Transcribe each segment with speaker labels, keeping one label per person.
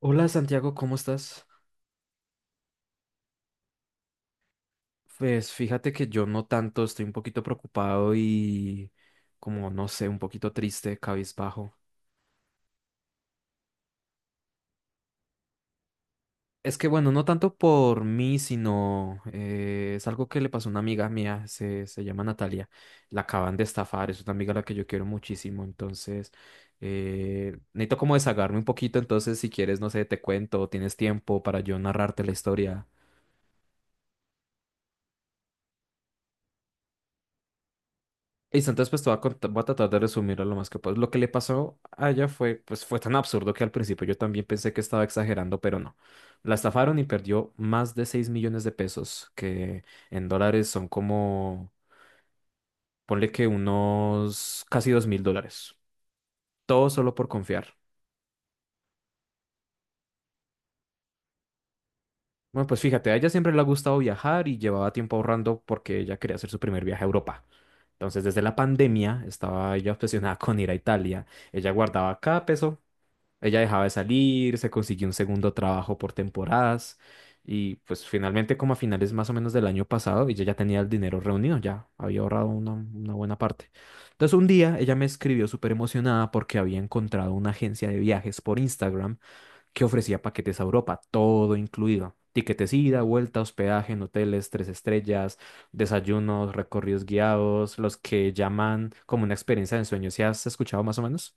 Speaker 1: Hola Santiago, ¿cómo estás? Pues fíjate que yo no tanto, estoy un poquito preocupado y como no sé, un poquito triste, cabizbajo. Es que bueno, no tanto por mí, sino es algo que le pasó a una amiga mía, se llama Natalia, la acaban de estafar, es una amiga a la que yo quiero muchísimo, entonces necesito como desahogarme un poquito, entonces si quieres, no sé, te cuento, tienes tiempo para yo narrarte la historia. Listo, entonces pues te voy a, voy a tratar de resumirlo lo más que puedo. Lo que le pasó a ella fue, pues fue tan absurdo que al principio yo también pensé que estaba exagerando, pero no. La estafaron y perdió más de 6 millones de pesos, que en dólares son como, ponle que unos casi 2.000 dólares. Todo solo por confiar. Bueno, pues fíjate, a ella siempre le ha gustado viajar y llevaba tiempo ahorrando porque ella quería hacer su primer viaje a Europa. Entonces, desde la pandemia estaba ella obsesionada con ir a Italia. Ella guardaba cada peso. Ella dejaba de salir, se consiguió un segundo trabajo por temporadas y pues finalmente como a finales más o menos del año pasado ella ya tenía el dinero reunido, ya había ahorrado una buena parte. Entonces un día ella me escribió súper emocionada porque había encontrado una agencia de viajes por Instagram que ofrecía paquetes a Europa, todo incluido. Tiquetes ida, vuelta, hospedaje en hoteles, tres estrellas, desayunos, recorridos guiados, los que llaman como una experiencia de ensueño. ¿Si has escuchado más o menos?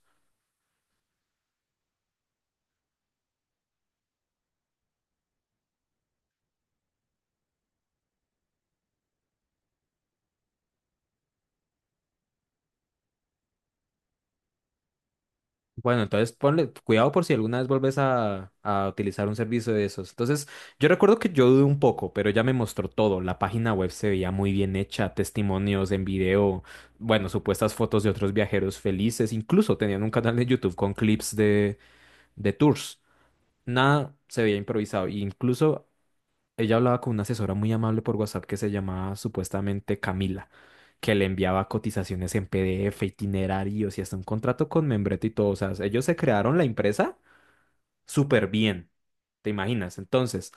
Speaker 1: Bueno, entonces ponle cuidado por si alguna vez vuelves a utilizar un servicio de esos. Entonces, yo recuerdo que yo dudé un poco, pero ella me mostró todo. La página web se veía muy bien hecha, testimonios en video, bueno, supuestas fotos de otros viajeros felices, incluso tenían un canal de YouTube con clips de tours. Nada se veía improvisado, e incluso ella hablaba con una asesora muy amable por WhatsApp que se llamaba supuestamente Camila, que le enviaba cotizaciones en PDF, itinerarios y hasta un contrato con membrete y todo. O sea, ellos se crearon la empresa súper bien, ¿te imaginas? Entonces,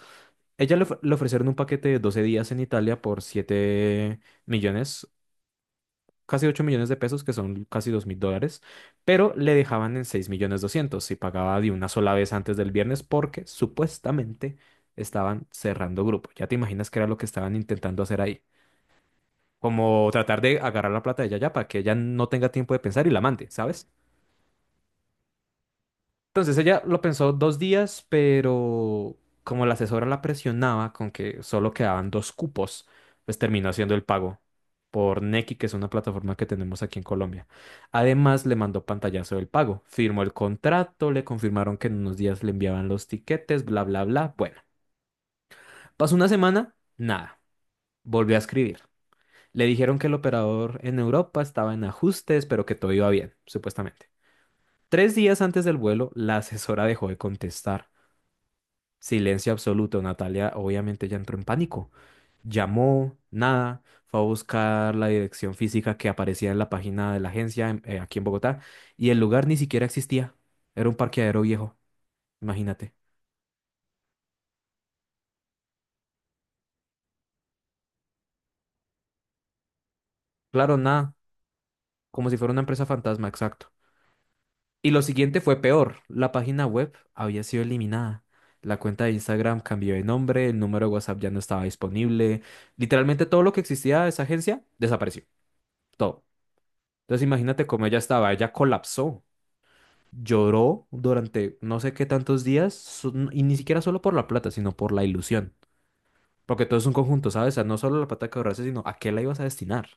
Speaker 1: ella le ofrecieron un paquete de 12 días en Italia por 7 millones casi 8 millones de pesos, que son casi 2.000 dólares, pero le dejaban en 6.200.000 si pagaba de una sola vez antes del viernes porque supuestamente estaban cerrando grupo. Ya te imaginas qué era lo que estaban intentando hacer ahí. Como tratar de agarrar la plata de ella ya para que ella no tenga tiempo de pensar y la mande, ¿sabes? Entonces ella lo pensó 2 días, pero como la asesora la presionaba con que solo quedaban dos cupos, pues terminó haciendo el pago por Nequi, que es una plataforma que tenemos aquí en Colombia. Además, le mandó pantallazo del pago, firmó el contrato, le confirmaron que en unos días le enviaban los tiquetes, bla, bla, bla. Bueno, pasó una semana, nada, volvió a escribir. Le dijeron que el operador en Europa estaba en ajustes, pero que todo iba bien, supuestamente. 3 días antes del vuelo, la asesora dejó de contestar. Silencio absoluto. Natalia obviamente ya entró en pánico. Llamó, nada, fue a buscar la dirección física que aparecía en la página de la agencia aquí en Bogotá y el lugar ni siquiera existía. Era un parqueadero viejo, imagínate. Claro, nada, como si fuera una empresa fantasma, exacto. Y lo siguiente fue peor. La página web había sido eliminada. La cuenta de Instagram cambió de nombre, el número de WhatsApp ya no estaba disponible. Literalmente todo lo que existía de esa agencia desapareció. Todo. Entonces imagínate cómo ella estaba, ella colapsó. Lloró durante no sé qué tantos días, y ni siquiera solo por la plata, sino por la ilusión. Porque todo es un conjunto, ¿sabes? O sea, no solo la plata que ahorraste, sino a qué la ibas a destinar.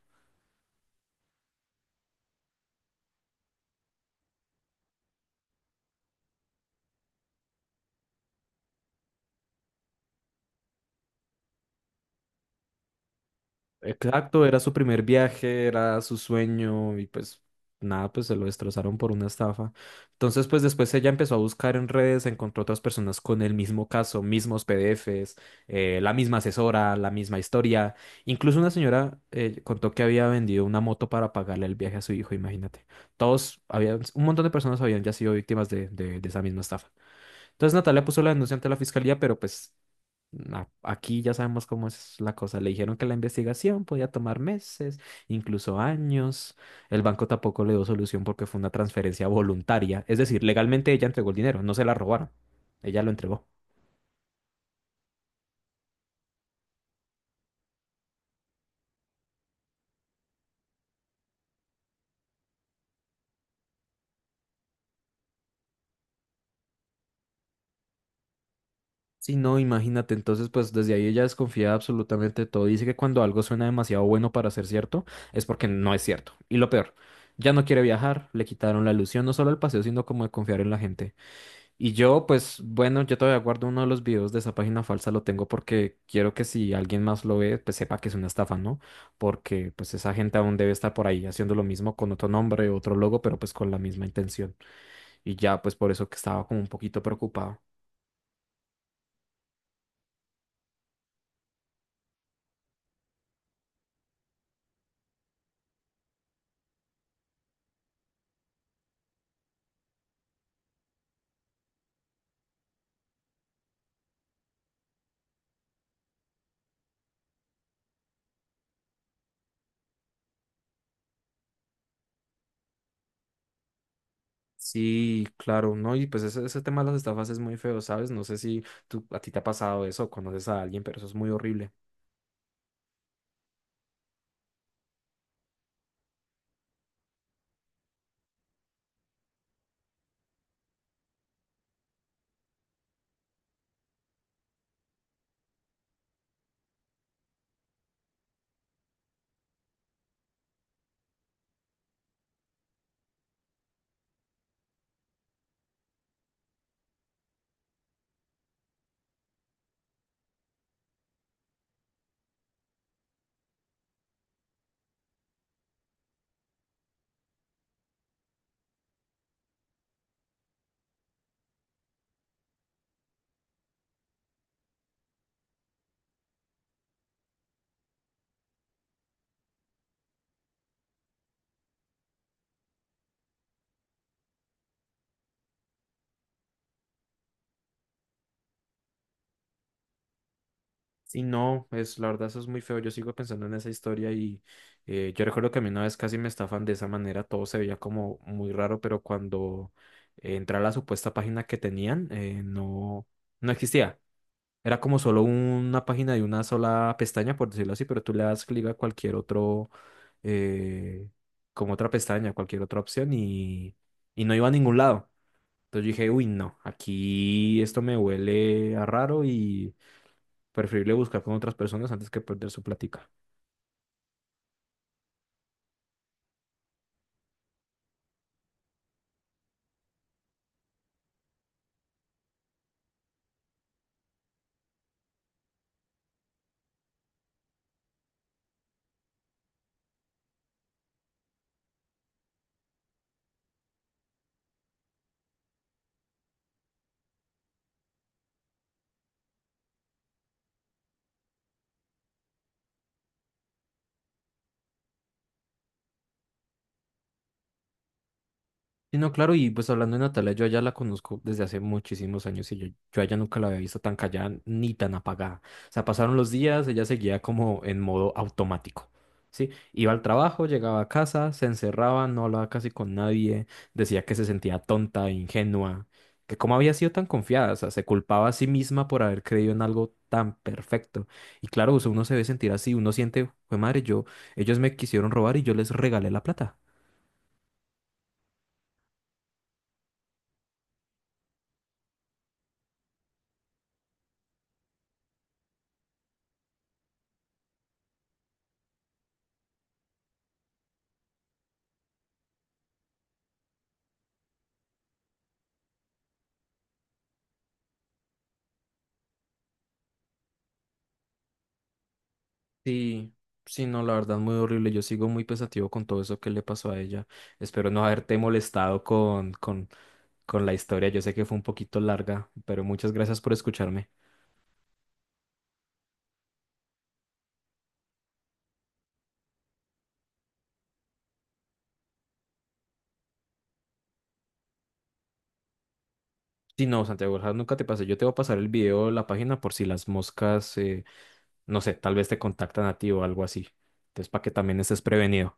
Speaker 1: Exacto, era su primer viaje, era su sueño y pues nada, pues se lo destrozaron por una estafa. Entonces, pues después ella empezó a buscar en redes, encontró otras personas con el mismo caso, mismos PDFs, la misma asesora, la misma historia. Incluso una señora contó que había vendido una moto para pagarle el viaje a su hijo, imagínate. Todos, había, un montón de personas habían ya sido víctimas de, de esa misma estafa. Entonces Natalia puso la denuncia ante la fiscalía, pero pues aquí ya sabemos cómo es la cosa. Le dijeron que la investigación podía tomar meses, incluso años. El banco tampoco le dio solución porque fue una transferencia voluntaria. Es decir, legalmente ella entregó el dinero, no se la robaron. Ella lo entregó. Sí, no, imagínate, entonces pues desde ahí ella desconfía de absolutamente todo. Dice que cuando algo suena demasiado bueno para ser cierto, es porque no es cierto. Y lo peor, ya no quiere viajar, le quitaron la ilusión no solo el paseo, sino como de confiar en la gente. Y yo, pues bueno, yo todavía guardo uno de los videos de esa página falsa, lo tengo porque quiero que si alguien más lo ve, pues sepa que es una estafa, ¿no? Porque pues esa gente aún debe estar por ahí haciendo lo mismo con otro nombre, otro logo, pero pues con la misma intención. Y ya, pues por eso que estaba como un poquito preocupado. Sí, claro, ¿no? Y pues ese tema de las estafas es muy feo, ¿sabes? No sé si tú, a ti te ha pasado eso o conoces a alguien, pero eso es muy horrible. Sí, no, es, la verdad eso es muy feo. Yo sigo pensando en esa historia y yo recuerdo que a mí una vez casi me estafan de esa manera, todo se veía como muy raro, pero cuando entré a la supuesta página que tenían, no, no existía. Era como solo una página de una sola pestaña, por decirlo así, pero tú le das clic a cualquier otro, eh, como otra pestaña, cualquier otra opción y no iba a ningún lado. Entonces yo dije, uy, no, aquí esto me huele a raro y preferible buscar con otras personas antes que perder su plática. Sí, no, claro, y pues hablando de Natalia, yo allá la conozco desde hace muchísimos años y yo a ella nunca la había visto tan callada ni tan apagada. O sea, pasaron los días, ella seguía como en modo automático, ¿sí? Iba al trabajo, llegaba a casa, se encerraba, no hablaba casi con nadie, decía que se sentía tonta, ingenua, que cómo había sido tan confiada, o sea, se culpaba a sí misma por haber creído en algo tan perfecto. Y claro, o sea, uno se ve sentir así, uno siente, fue madre, yo, ellos me quisieron robar y yo les regalé la plata. Sí, sí, no, la verdad, muy horrible. Yo sigo muy pensativo con todo eso que le pasó a ella. Espero no haberte molestado con la historia. Yo sé que fue un poquito larga, pero muchas gracias por escucharme. Sí, no, Santiago, ojalá nunca te pase. Yo te voy a pasar el video de la página por si las moscas, no sé, tal vez te contactan a ti o algo así. Entonces, para que también estés prevenido.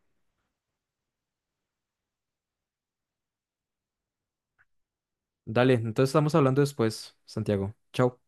Speaker 1: Dale, entonces estamos hablando después, Santiago. Chao.